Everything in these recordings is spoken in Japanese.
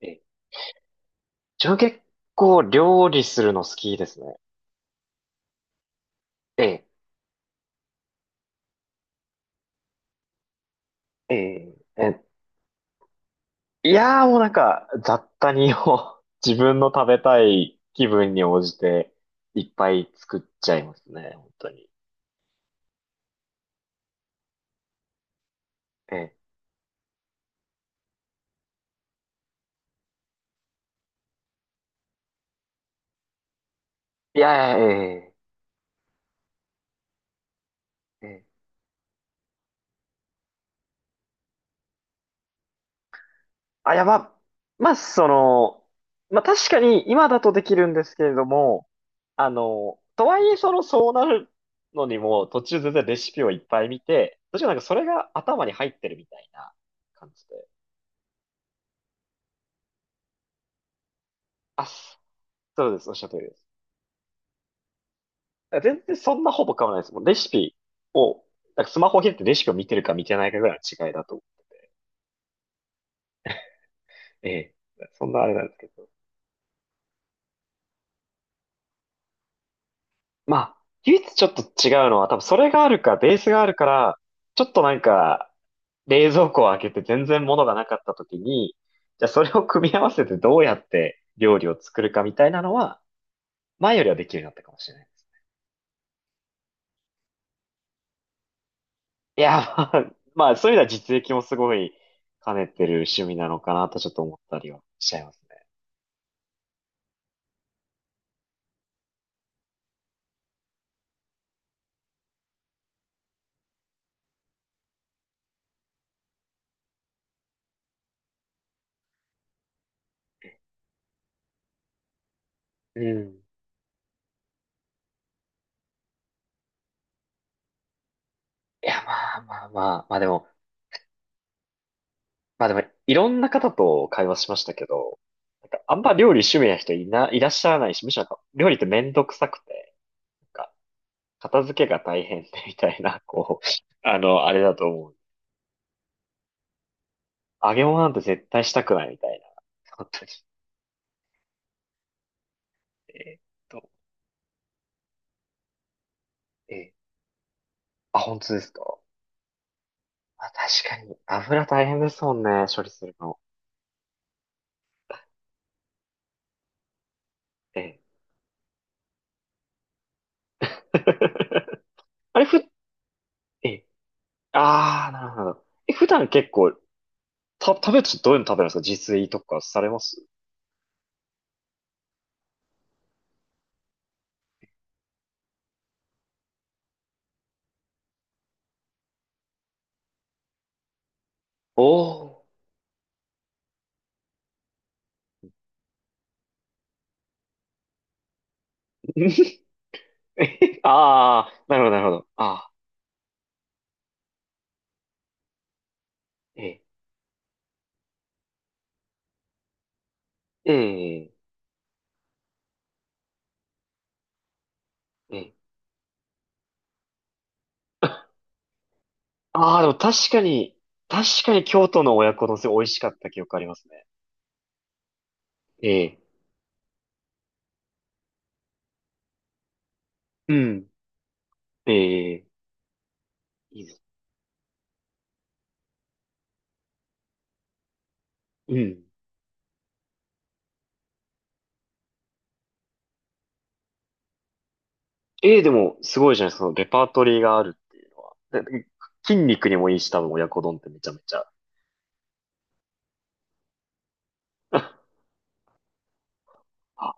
ええ、自分料理するの好きですね。ええ、ええ、えいやー、もうなんか雑多にを 自分の食べたい気分に応じていっぱい作っちゃいますね、本当に。ええ、いやいや、ええ、ええ、あ、やば、まあその、まあ確かに今だとできるんですけれども、とはいえそうなるのにも途中全然レシピをいっぱい見て、途中なんかそれが頭に入ってるみたいな感じで。あ、そうです。おっしゃる通りです。全然そんなほぼ変わらないです。もうレシピを、なんかスマホを開いてレシピを見てるか見てないかぐらいの違いだと。ええ。そんなあれなんですけど。まあ、唯一ちょっと違うのは、多分それがあるか、ベースがあるから、ちょっとなんか、冷蔵庫を開けて全然物がなかった時に、じゃあそれを組み合わせてどうやって料理を作るかみたいなのは、前よりはできるようになったかもしれない。いや、まあ、まあそういう意味では実益もすごい兼ねてる趣味なのかなと、ちょっと思ったりはしちゃいますね。うん。いや、まあまあまあ、まあでも、いろんな方と会話しましたけど、なんかあんま料理趣味な人いらっしゃらないし、むしろなんか料理ってめんどくさくて、なんか片付けが大変でみたいな、こう、あの、あれだと思う。揚げ物なんて絶対したくないみたいな。本当に。えーっと、えーあ、本当ですか。あ、確かに。油大変ですもんね、処理するの。ええ。あれ、ふ、ええ。ああ、なるほど。え、普段結構、食べるとどういうの食べるんですか、自炊とかされます？おおー。ああ、なるほど、なるほど。ああ、ええ、ええ、ええ。あ、 あ、でも確かに、確かに京都の親子丼すごい美味しかった記憶ありますね。ええ、うん、ええ、いいです。うん。ええ、でも、すごいじゃないですか。そのレパートリーがあるっていうのは。で筋肉にもいいし、多分親子丼ってめちゃめちゃ。あ、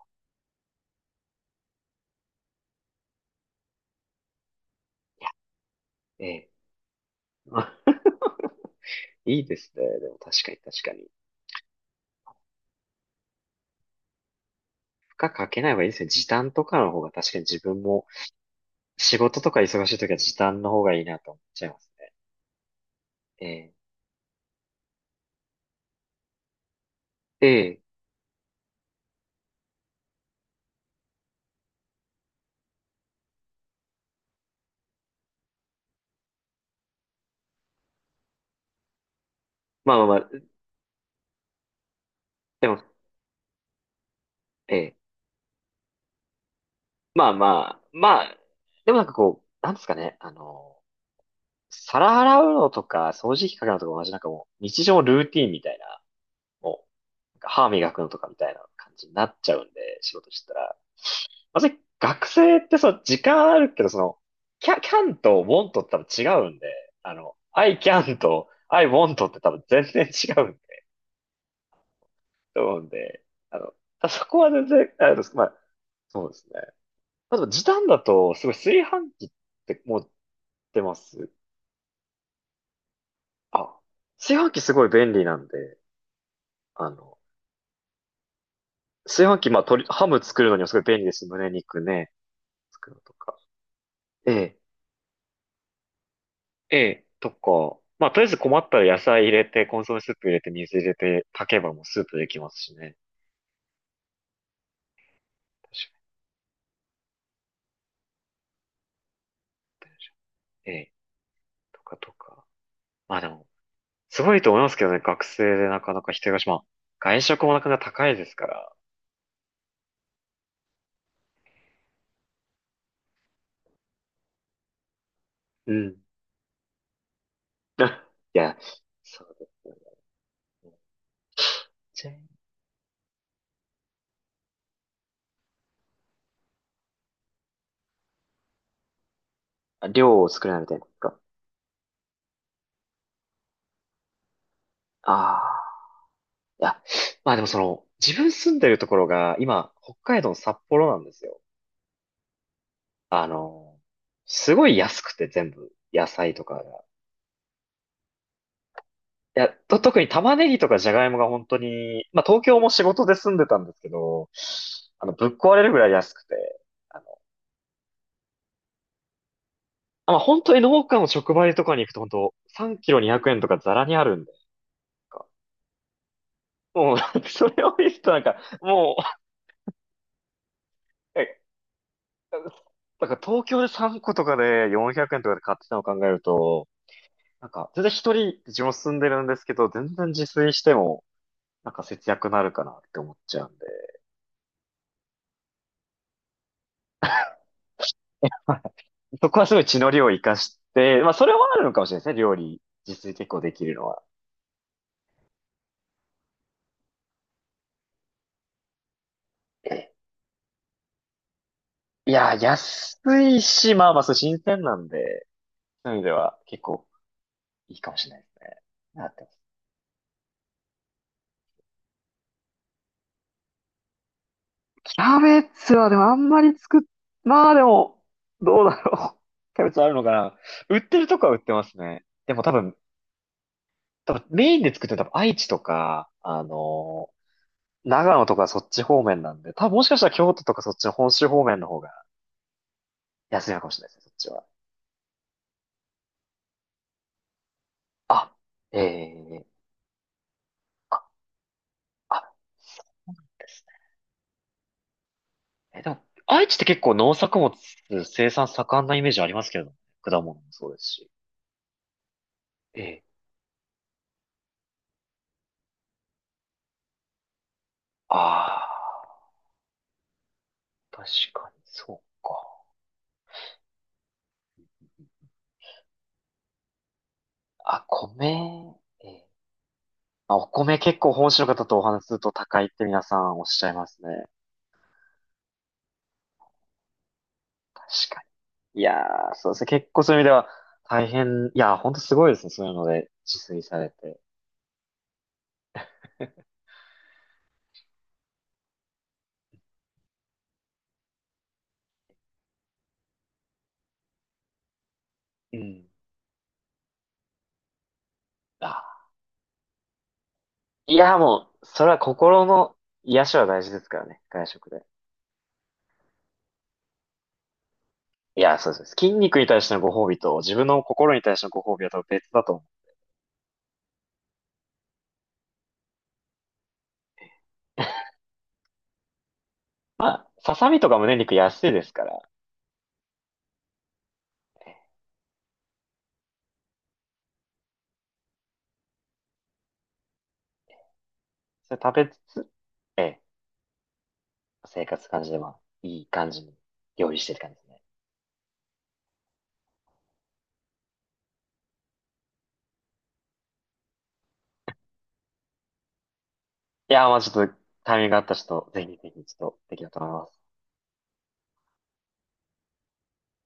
ええ。あ、いいですね。でも確かに、確かに。負荷かけない方がいいですね。時短とかの方が確かに自分も、仕事とか忙しい時は時短の方がいいなと思っちゃいますね。ええええまあまあまあ、でも、ええまあまあ、まあ、でもなんかこう、なんですかね。あの、皿洗うのとか、掃除機かけるのとか同じ、なんかもう、日常のルーティンみたいな、もう、なんか歯磨くのとかみたいな感じになっちゃうんで、仕事してたら。まず学生ってさ、時間あるけど、その、キャンと want って多分違うんで、あの、I can と I want って多分全然違うんで、と思うんで、あの、あそこは全然、あれです。まあ、そうですね。あと、時短だと、すごい、炊飯器って持ってます？あ、炊飯器すごい便利なんで、あの、炊飯器、まあ、鶏、ハム作るのにもすごい便利ですし。胸肉ね、作るのとか。ええ。ええ、とか、まあ、とりあえず困ったら野菜入れて、コンソメスープ入れて、水入れて、炊けばもうスープできますしね。確かに。ええ、とかとか。まあでも、すごいと思いますけどね、学生でなかなか一人暮らし、まあ、外食もなかなか高いですから。うん。あ、いや、そう。じゃあ量を作れないみたいなことか。ああ。いや、まあでもその、自分住んでるところが、今、北海道の札幌なんですよ。あの、すごい安くて全部、野菜とかが。特に玉ねぎとかじゃがいもが本当に、まあ東京も仕事で住んでたんですけど、あの、ぶっ壊れるぐらい安くて、あの、まあ本当に農家の直売とかに行くと、本当3キロ200円とかザラにあるんで、もう、それを見るとなんか、もう、なんか東京で3個とかで400円とかで買ってたのを考えると、なんか全然、一人自分住んでるんですけど、全然自炊しても、なんか節約になるかなって思っちゃうんで。そこはすごい血の量を生かして、まあ、それはあるのかもしれないですね、料理。自炊結構できるのは。えいや、安いし、まあまあ、そう、新鮮なんで、そういう意味では結構いいかもしれないですね。だって、キャベツはでもあんまり作っ、まあでも、どうだろう。キャベツあるのかな、売ってるとこは売ってますね。でも多分、多分メインで作ってるのは多分愛知とか、あのー、長野とかそっち方面なんで、多分もしかしたら京都とかそっちの本州方面の方が安いのかもしれないですね、そっちは。あ、ええあ、あ、そうですね。え、でも、愛知って結構農作物生産盛んなイメージありますけどね、果物もそうですし。ええああ、確かに、そうか。あ、米、ええあ、お米結構本州の方とお話しすると高いって皆さんおっしゃいますね。確かに。いやー、そうですね。結構そういう意味では大変、いやー、ほんとすごいですね。そういうので自炊されて。うん。あ、いや、もう、それは心の癒しは大事ですからね、外食で。いや、そうです。筋肉に対してのご褒美と、自分の心に対してのご褒美は多分別だと思う。ささみとか胸肉安いですから、それ食べつつ、ええ、生活感じで、まあ、いい感じに料理してる感じですね。いや、まあちょっと、タイミングがあったらちょっと、ぜひぜひ、ちょっと、できたと思います。